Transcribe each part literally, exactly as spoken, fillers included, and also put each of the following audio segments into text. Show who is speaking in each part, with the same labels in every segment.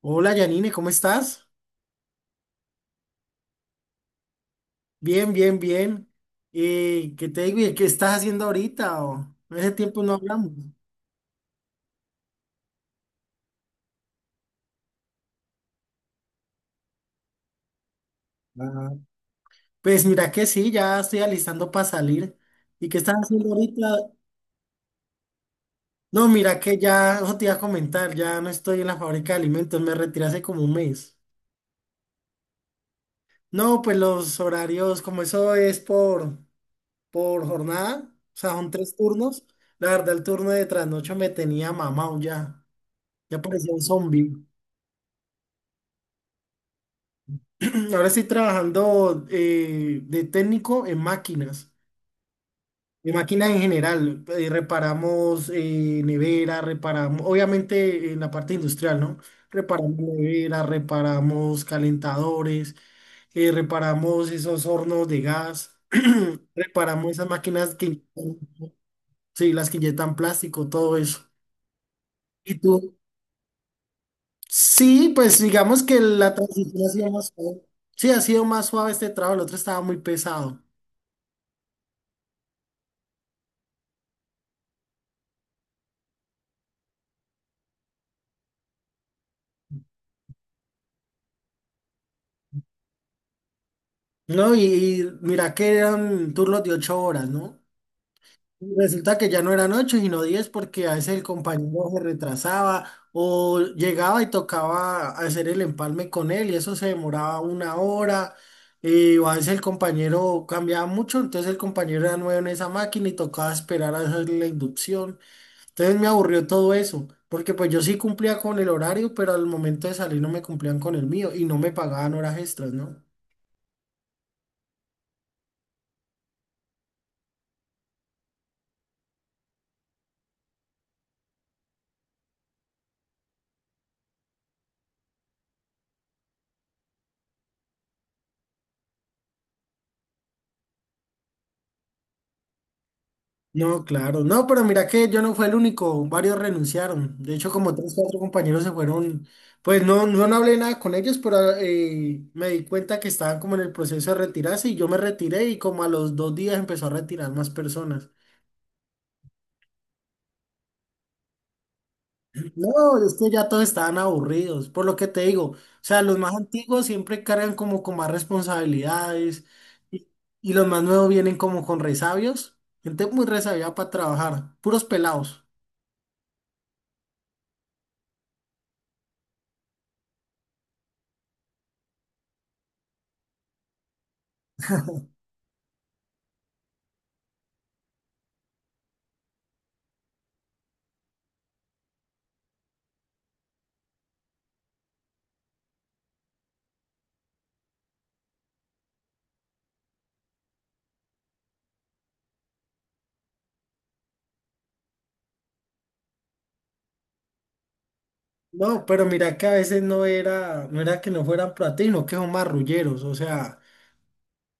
Speaker 1: Hola Janine, ¿cómo estás? Bien, bien, bien. Eh, ¿qué te digo? ¿Y qué estás haciendo ahorita? O, ese tiempo no hablamos. Ah, pues mira que sí, ya estoy alistando para salir. ¿Y qué estás haciendo ahorita? No, mira que ya, eso te iba a comentar, ya no estoy en la fábrica de alimentos, me retiré hace como un mes. No, pues los horarios, como eso es por, por jornada, o sea, son tres turnos. La verdad, el turno de trasnocho me tenía mamado ya, ya parecía un zombie. Ahora estoy trabajando eh, de técnico en máquinas, de máquinas en general. Eh, reparamos eh, nevera, reparamos, obviamente en la parte industrial, ¿no? Reparamos nevera, reparamos calentadores, eh, reparamos esos hornos de gas, reparamos esas máquinas que, sí, las que inyectan plástico, todo eso. ¿Y tú? Sí, pues digamos que la transición ha sido más suave. Sí, ha sido más suave este trabajo, el otro estaba muy pesado. No, y, y mira que eran turnos de ocho horas, ¿no? Y resulta que ya no eran ocho, sino diez, porque a veces el compañero se retrasaba o llegaba y tocaba hacer el empalme con él y eso se demoraba una hora. eh, o a veces el compañero cambiaba mucho, entonces el compañero era nuevo en esa máquina y tocaba esperar a hacer la inducción. Entonces me aburrió todo eso, porque pues yo sí cumplía con el horario, pero al momento de salir no me cumplían con el mío y no me pagaban horas extras, ¿no? No, claro. No, pero mira que yo no fue el único, varios renunciaron. De hecho, como tres, cuatro compañeros se fueron. Pues no, no, no hablé nada con ellos, pero eh, me di cuenta que estaban como en el proceso de retirarse y yo me retiré y como a los dos días empezó a retirar más personas. No, es que ya todos estaban aburridos, por lo que te digo. O sea, los más antiguos siempre cargan como con más responsabilidades y, y los más nuevos vienen como con resabios. Gente muy resabia para trabajar, puros pelados. No, pero mira que a veces no era, no era que no fueran platinos, que son marrulleros, o sea,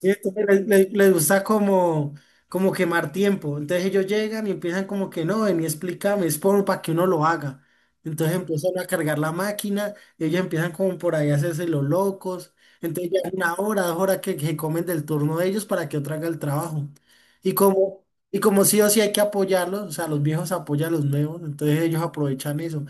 Speaker 1: ¿cierto? Le- le- les, gusta como, como quemar tiempo. Entonces ellos llegan y empiezan como que no, ven y explícame, es por para que uno lo haga. Entonces empiezan a cargar la máquina, y ellos empiezan como por ahí a hacerse los locos. Entonces ya una hora, dos horas que, que comen del turno de ellos para que otro haga el trabajo. Y como, y como sí o sí hay que apoyarlos, o sea, los viejos apoyan a los nuevos, entonces ellos aprovechan eso.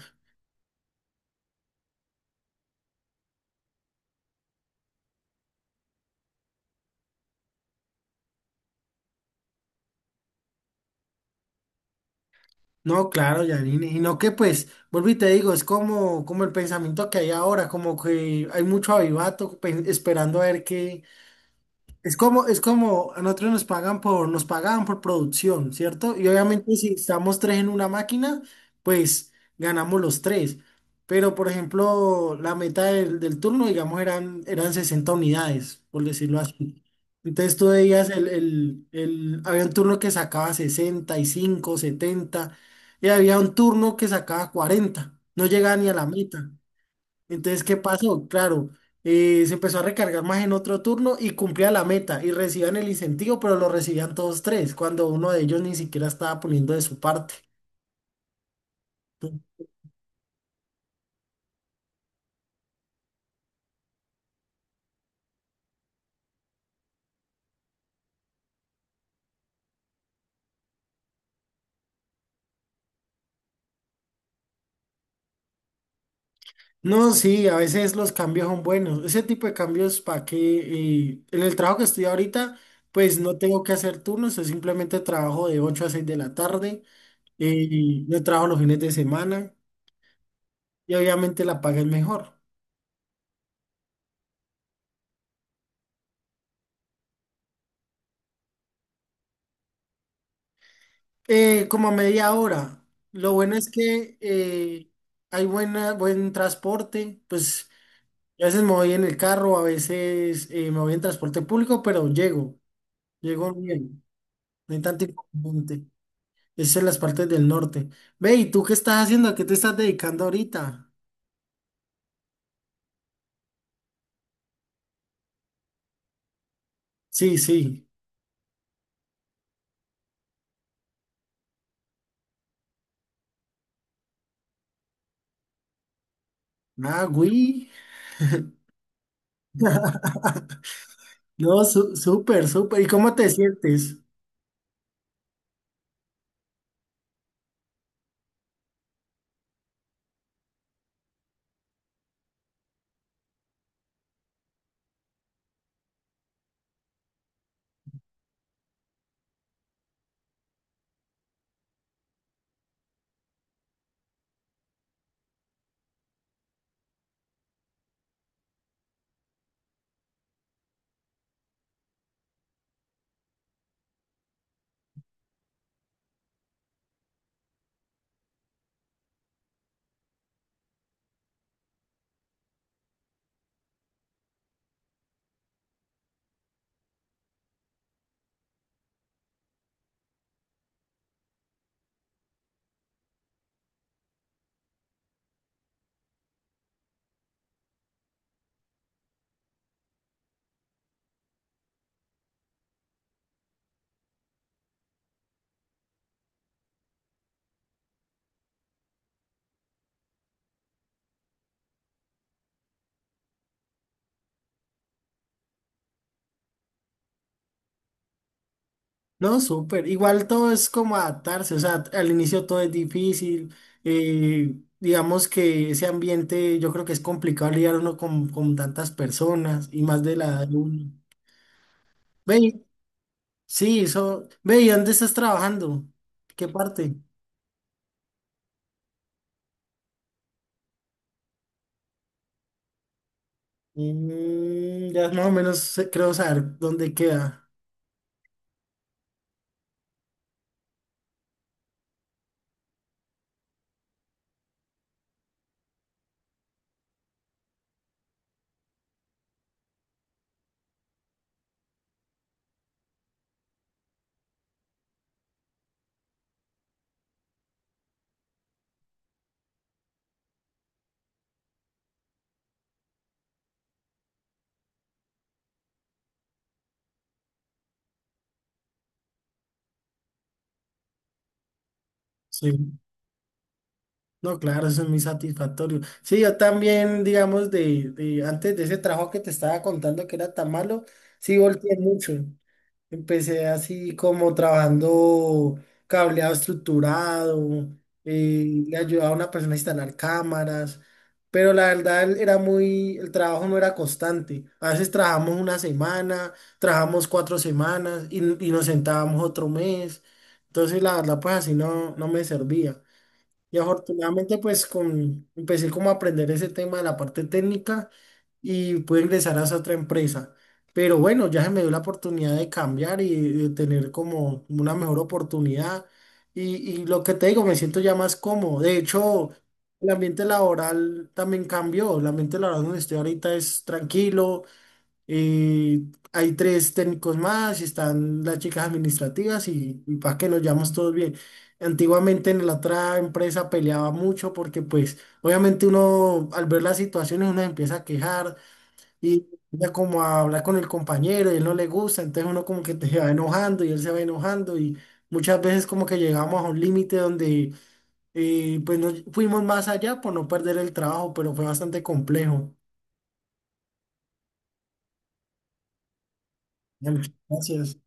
Speaker 1: No, claro, Janine, y no que pues, vuelvo y te digo, es como, como el pensamiento que hay ahora, como que hay mucho avivato pen- esperando a ver qué. Es como, es como a nosotros nos pagan por, nos pagaban por producción, ¿cierto? Y obviamente si estamos tres en una máquina, pues ganamos los tres. Pero, por ejemplo, la meta del, del turno, digamos, eran, eran sesenta unidades, por decirlo así. Entonces tú veías el, el, el, había un turno que sacaba sesenta y cinco setenta y había un turno que sacaba cuarenta. No llegaba ni a la meta. Entonces, ¿qué pasó? Claro, eh, se empezó a recargar más en otro turno y cumplía la meta y recibían el incentivo, pero lo recibían todos tres, cuando uno de ellos ni siquiera estaba poniendo de su parte. No, sí, a veces los cambios son buenos. Ese tipo de cambios para que eh, en el trabajo que estoy ahorita, pues no tengo que hacer turnos, yo simplemente trabajo de ocho a seis de la tarde, eh, no trabajo los fines de semana y obviamente la paga es mejor. Eh, como a media hora. Lo bueno es que eh, hay buena, buen transporte. Pues a veces me voy en el carro, a veces eh, me voy en transporte público, pero llego, llego bien. No hay tanto inconveniente. Es en las partes del norte. Ve, ¿y tú qué estás haciendo? ¿A qué te estás dedicando ahorita? Sí, sí. Ah, güey. No, su- súper, súper. ¿Y cómo te sientes? No, súper. Igual todo es como adaptarse, o sea, al inicio todo es difícil. Eh, digamos que ese ambiente, yo creo que es complicado lidiar uno con, con tantas personas y más de la edad de uno. Ve, y- sí, eso. Ve, ¿y dónde estás trabajando? ¿Qué parte? Mm, ya más o menos sé- creo saber dónde queda. Sí. No, claro, eso es muy satisfactorio. Sí, yo también, digamos, de, de antes de ese trabajo que te estaba contando que era tan malo, sí volteé mucho. Empecé así como trabajando cableado estructurado, eh, le ayudaba a una persona a instalar cámaras, pero la verdad él era muy, el trabajo no era constante. A veces trabajamos una semana, trabajamos cuatro semanas y, y nos sentábamos otro mes. Entonces la verdad pues así no, no me servía. Y afortunadamente pues con, empecé como a aprender ese tema de la parte técnica y pude ingresar a esa otra empresa. Pero bueno, ya se me dio la oportunidad de cambiar y de tener como una mejor oportunidad. Y, y lo que te digo, me siento ya más cómodo. De hecho, el ambiente laboral también cambió. El ambiente laboral donde estoy ahorita es tranquilo. eh, Hay tres técnicos más, y están las chicas administrativas y, y para que nos llevamos todos bien. Antiguamente en la otra empresa peleaba mucho porque pues obviamente uno al ver las situaciones uno se empieza a quejar y ya como a hablar con el compañero y él no le gusta, entonces uno como que te va enojando y él se va enojando y muchas veces como que llegamos a un límite donde eh, pues no fuimos más allá por no perder el trabajo, pero fue bastante complejo. Ya, muchas gracias.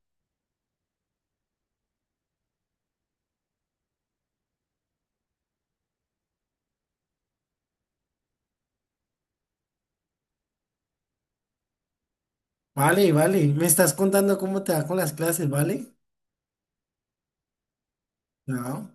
Speaker 1: Vale, vale, me estás contando cómo te va con las clases, ¿vale? Chao.